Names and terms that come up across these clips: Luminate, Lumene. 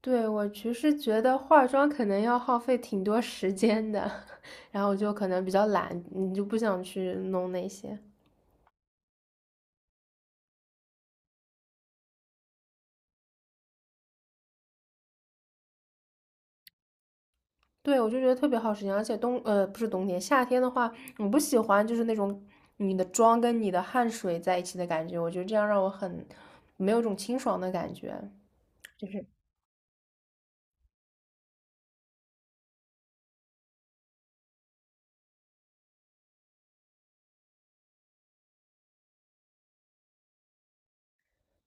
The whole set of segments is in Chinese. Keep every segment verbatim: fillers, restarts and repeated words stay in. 对，我其实觉得化妆可能要耗费挺多时间的，然后我就可能比较懒，你就不想去弄那些。对，我就觉得特别耗时间，而且冬，呃，不是冬天，夏天的话，我不喜欢就是那种你的妆跟你的汗水在一起的感觉，我觉得这样让我很没有一种清爽的感觉。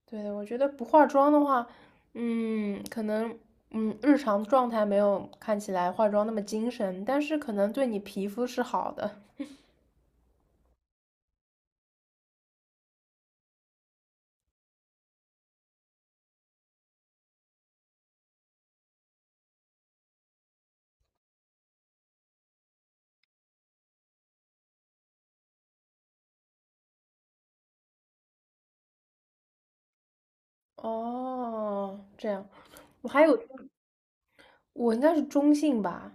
对，我觉得不化妆的话，嗯，可能嗯日常状态没有看起来化妆那么精神，但是可能对你皮肤是好的。哦，这样，我还有，我应该是中性吧。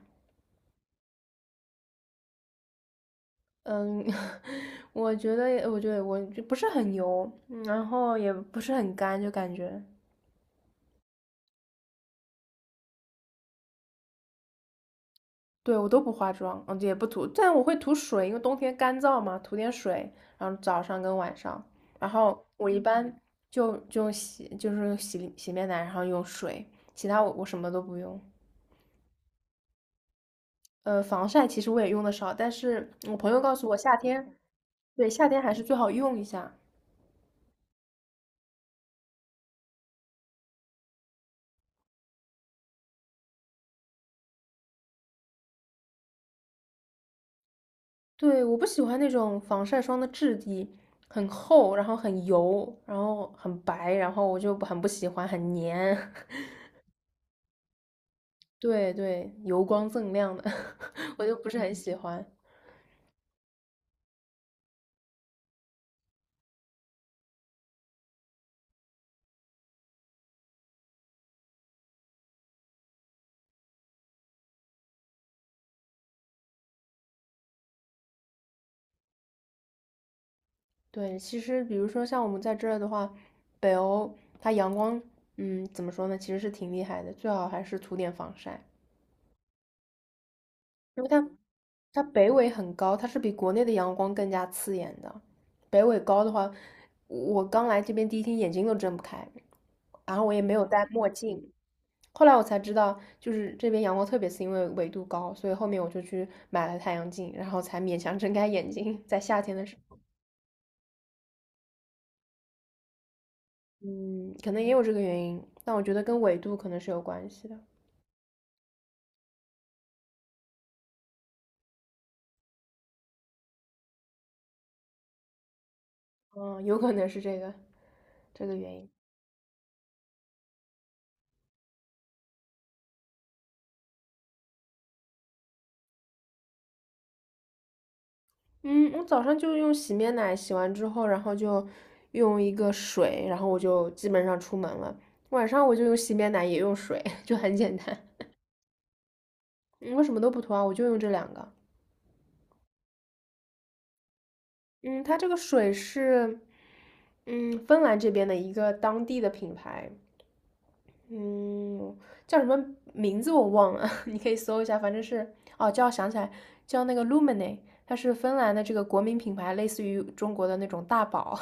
嗯，我觉得我觉得我就不是很油，嗯然后也不是很干，就感觉，对，我都不化妆，嗯，也不涂，但我会涂水，因为冬天干燥嘛，涂点水，然后早上跟晚上，然后我一般就就洗，就是用洗洗面奶，然后用水，其他我我什么都不用。呃，防晒其实我也用的少，但是我朋友告诉我夏天，对，夏天还是最好用一下。对，我不喜欢那种防晒霜的质地很厚，然后很油，然后很白，然后我就很不喜欢，很黏。对对，油光锃亮的。我就不是很喜欢。对，其实比如说像我们在这儿的话，北欧它阳光，嗯，怎么说呢，其实是挺厉害的，最好还是涂点防晒。因为它它北纬很高，它是比国内的阳光更加刺眼的。北纬高的话，我刚来这边第一天眼睛都睁不开，然后我也没有戴墨镜。后来我才知道，就是这边阳光特别刺，因为纬度高，所以后面我就去买了太阳镜，然后才勉强睁开眼睛。在夏天的时候，嗯，可能也有这个原因，但我觉得跟纬度可能是有关系的，嗯，有可能是这个这个原因。嗯，我早上就用洗面奶洗完之后，然后就用一个水，然后我就基本上出门了。晚上我就用洗面奶，也用水。就很简单。嗯，我什么都不涂啊，我就用这两个。嗯，它这个水是，嗯，芬兰这边的一个当地的品牌，嗯，叫什么名字我忘了，你可以搜一下，反正是，哦，叫想起来，叫那个 Lumene,它是芬兰的这个国民品牌，类似于中国的那种大宝。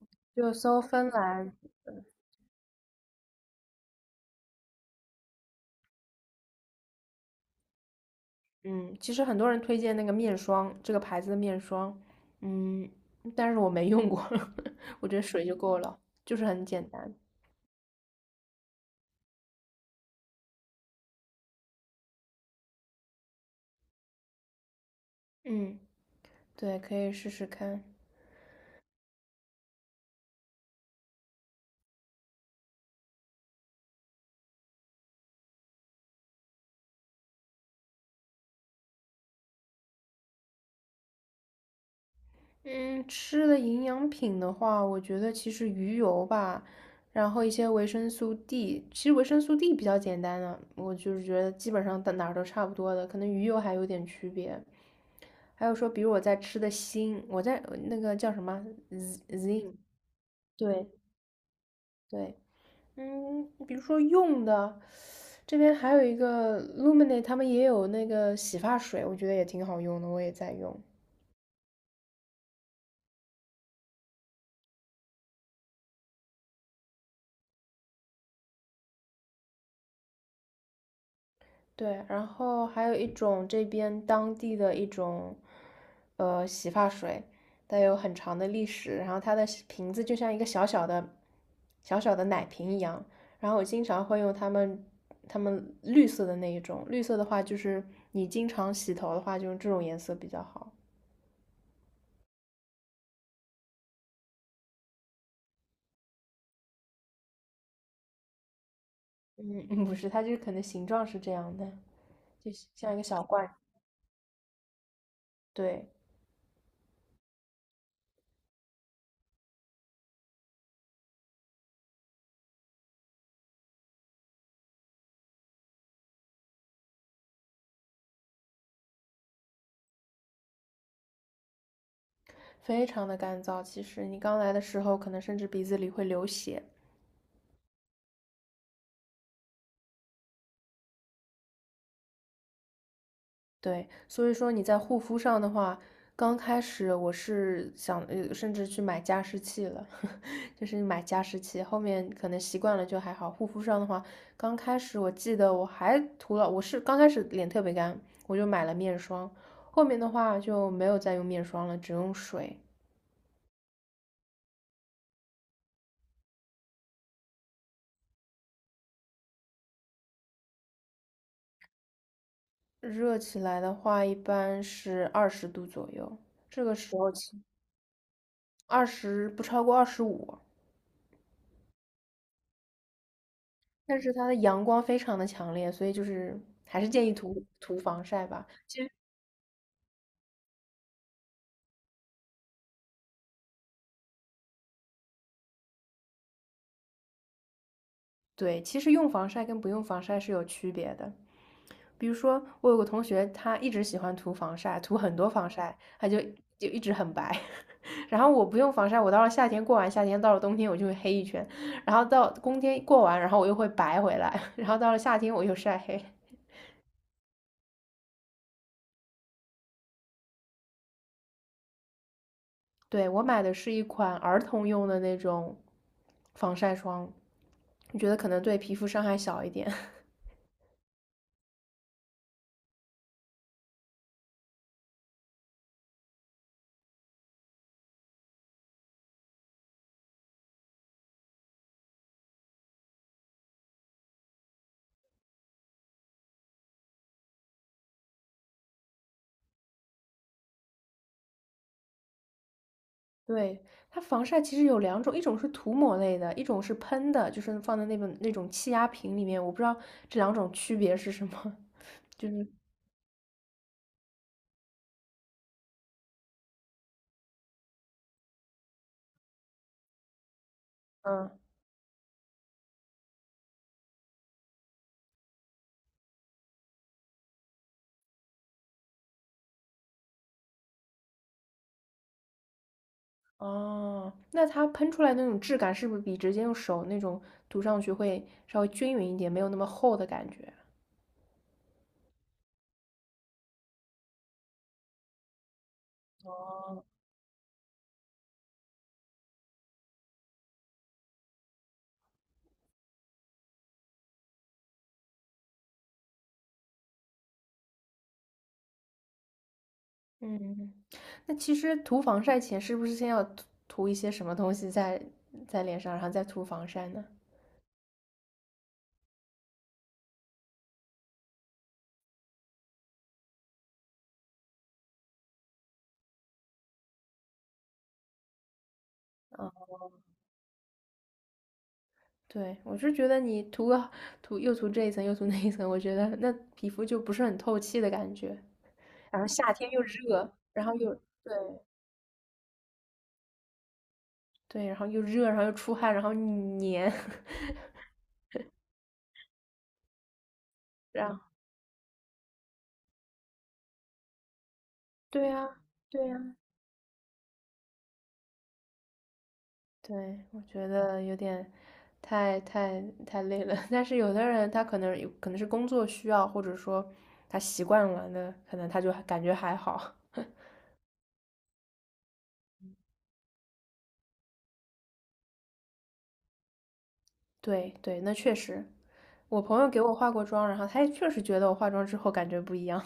就搜芬兰。嗯，其实很多人推荐那个面霜，这个牌子的面霜，嗯，但是我没用过。我觉得水就够了，就是很简单。嗯，对，可以试试看。嗯，吃的营养品的话，我觉得其实鱼油吧，然后一些维生素 D,其实维生素 D 比较简单的，我就是觉得基本上到哪儿都差不多的，可能鱼油还有点区别。还有说，比如我在吃的锌，我在呃那个叫什么 z- z i n。 对对，嗯，比如说用的，这边还有一个 Luminate,他们也有那个洗发水，我觉得也挺好用的，我也在用。对，然后还有一种这边当地的一种，呃，洗发水，它有很长的历史，然后它的瓶子就像一个小小的、小小的奶瓶一样，然后我经常会用它们。它们绿色的那一种，绿色的话就是你经常洗头的话，就用这种颜色比较好。嗯，嗯不是，它就是可能形状是这样的。就像一个小怪，对，非常的干燥。其实你刚来的时候，可能甚至鼻子里会流血，对。所以说你在护肤上的话，刚开始我是想，呃，甚至去买加湿器了。就是买加湿器。后面可能习惯了就还好。护肤上的话，刚开始我记得我还涂了，我是刚开始脸特别干，我就买了面霜。后面的话就没有再用面霜了，只用水。热起来的话，一般是二十度左右，这个时候其二十不超过二十五，但是它的阳光非常的强烈，所以就是还是建议涂涂防晒吧。其实对，其实用防晒跟不用防晒是有区别的。比如说，我有个同学，他一直喜欢涂防晒，涂很多防晒，他就就一直很白。然后我不用防晒，我到了夏天过完夏天，到了冬天我就会黑一圈，然后到冬天过完，然后我又会白回来，然后到了夏天我又晒黑。对，我买的是一款儿童用的那种防晒霜，我觉得可能对皮肤伤害小一点。对，它防晒其实有两种，一种是涂抹类的，一种是喷的，就是放在那本那种气压瓶里面。我不知道这两种区别是什么。就是嗯。哦，那它喷出来那种质感是不是比直接用手那种涂上去会稍微均匀一点，没有那么厚的感觉？哦。嗯，那其实涂防晒前是不是先要涂涂一些什么东西在在脸上，然后再涂防晒呢？啊，对，我是觉得你涂个涂又涂这一层又涂那一层，我觉得那皮肤就不是很透气的感觉。然后夏天又热，然后又对对，然后又热，然后又出汗，然后你黏。然后对呀，对呀。对，我觉得有点太太太累了。但是有的人他可能有可能是工作需要，或者说他习惯了那可能他就感觉还好。对对，那确实，我朋友给我化过妆，然后他也确实觉得我化妆之后感觉不一样。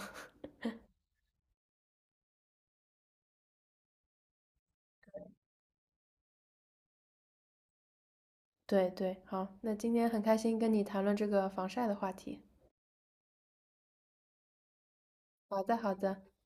对对，好，那今天很开心跟你谈论这个防晒的话题。好的好的。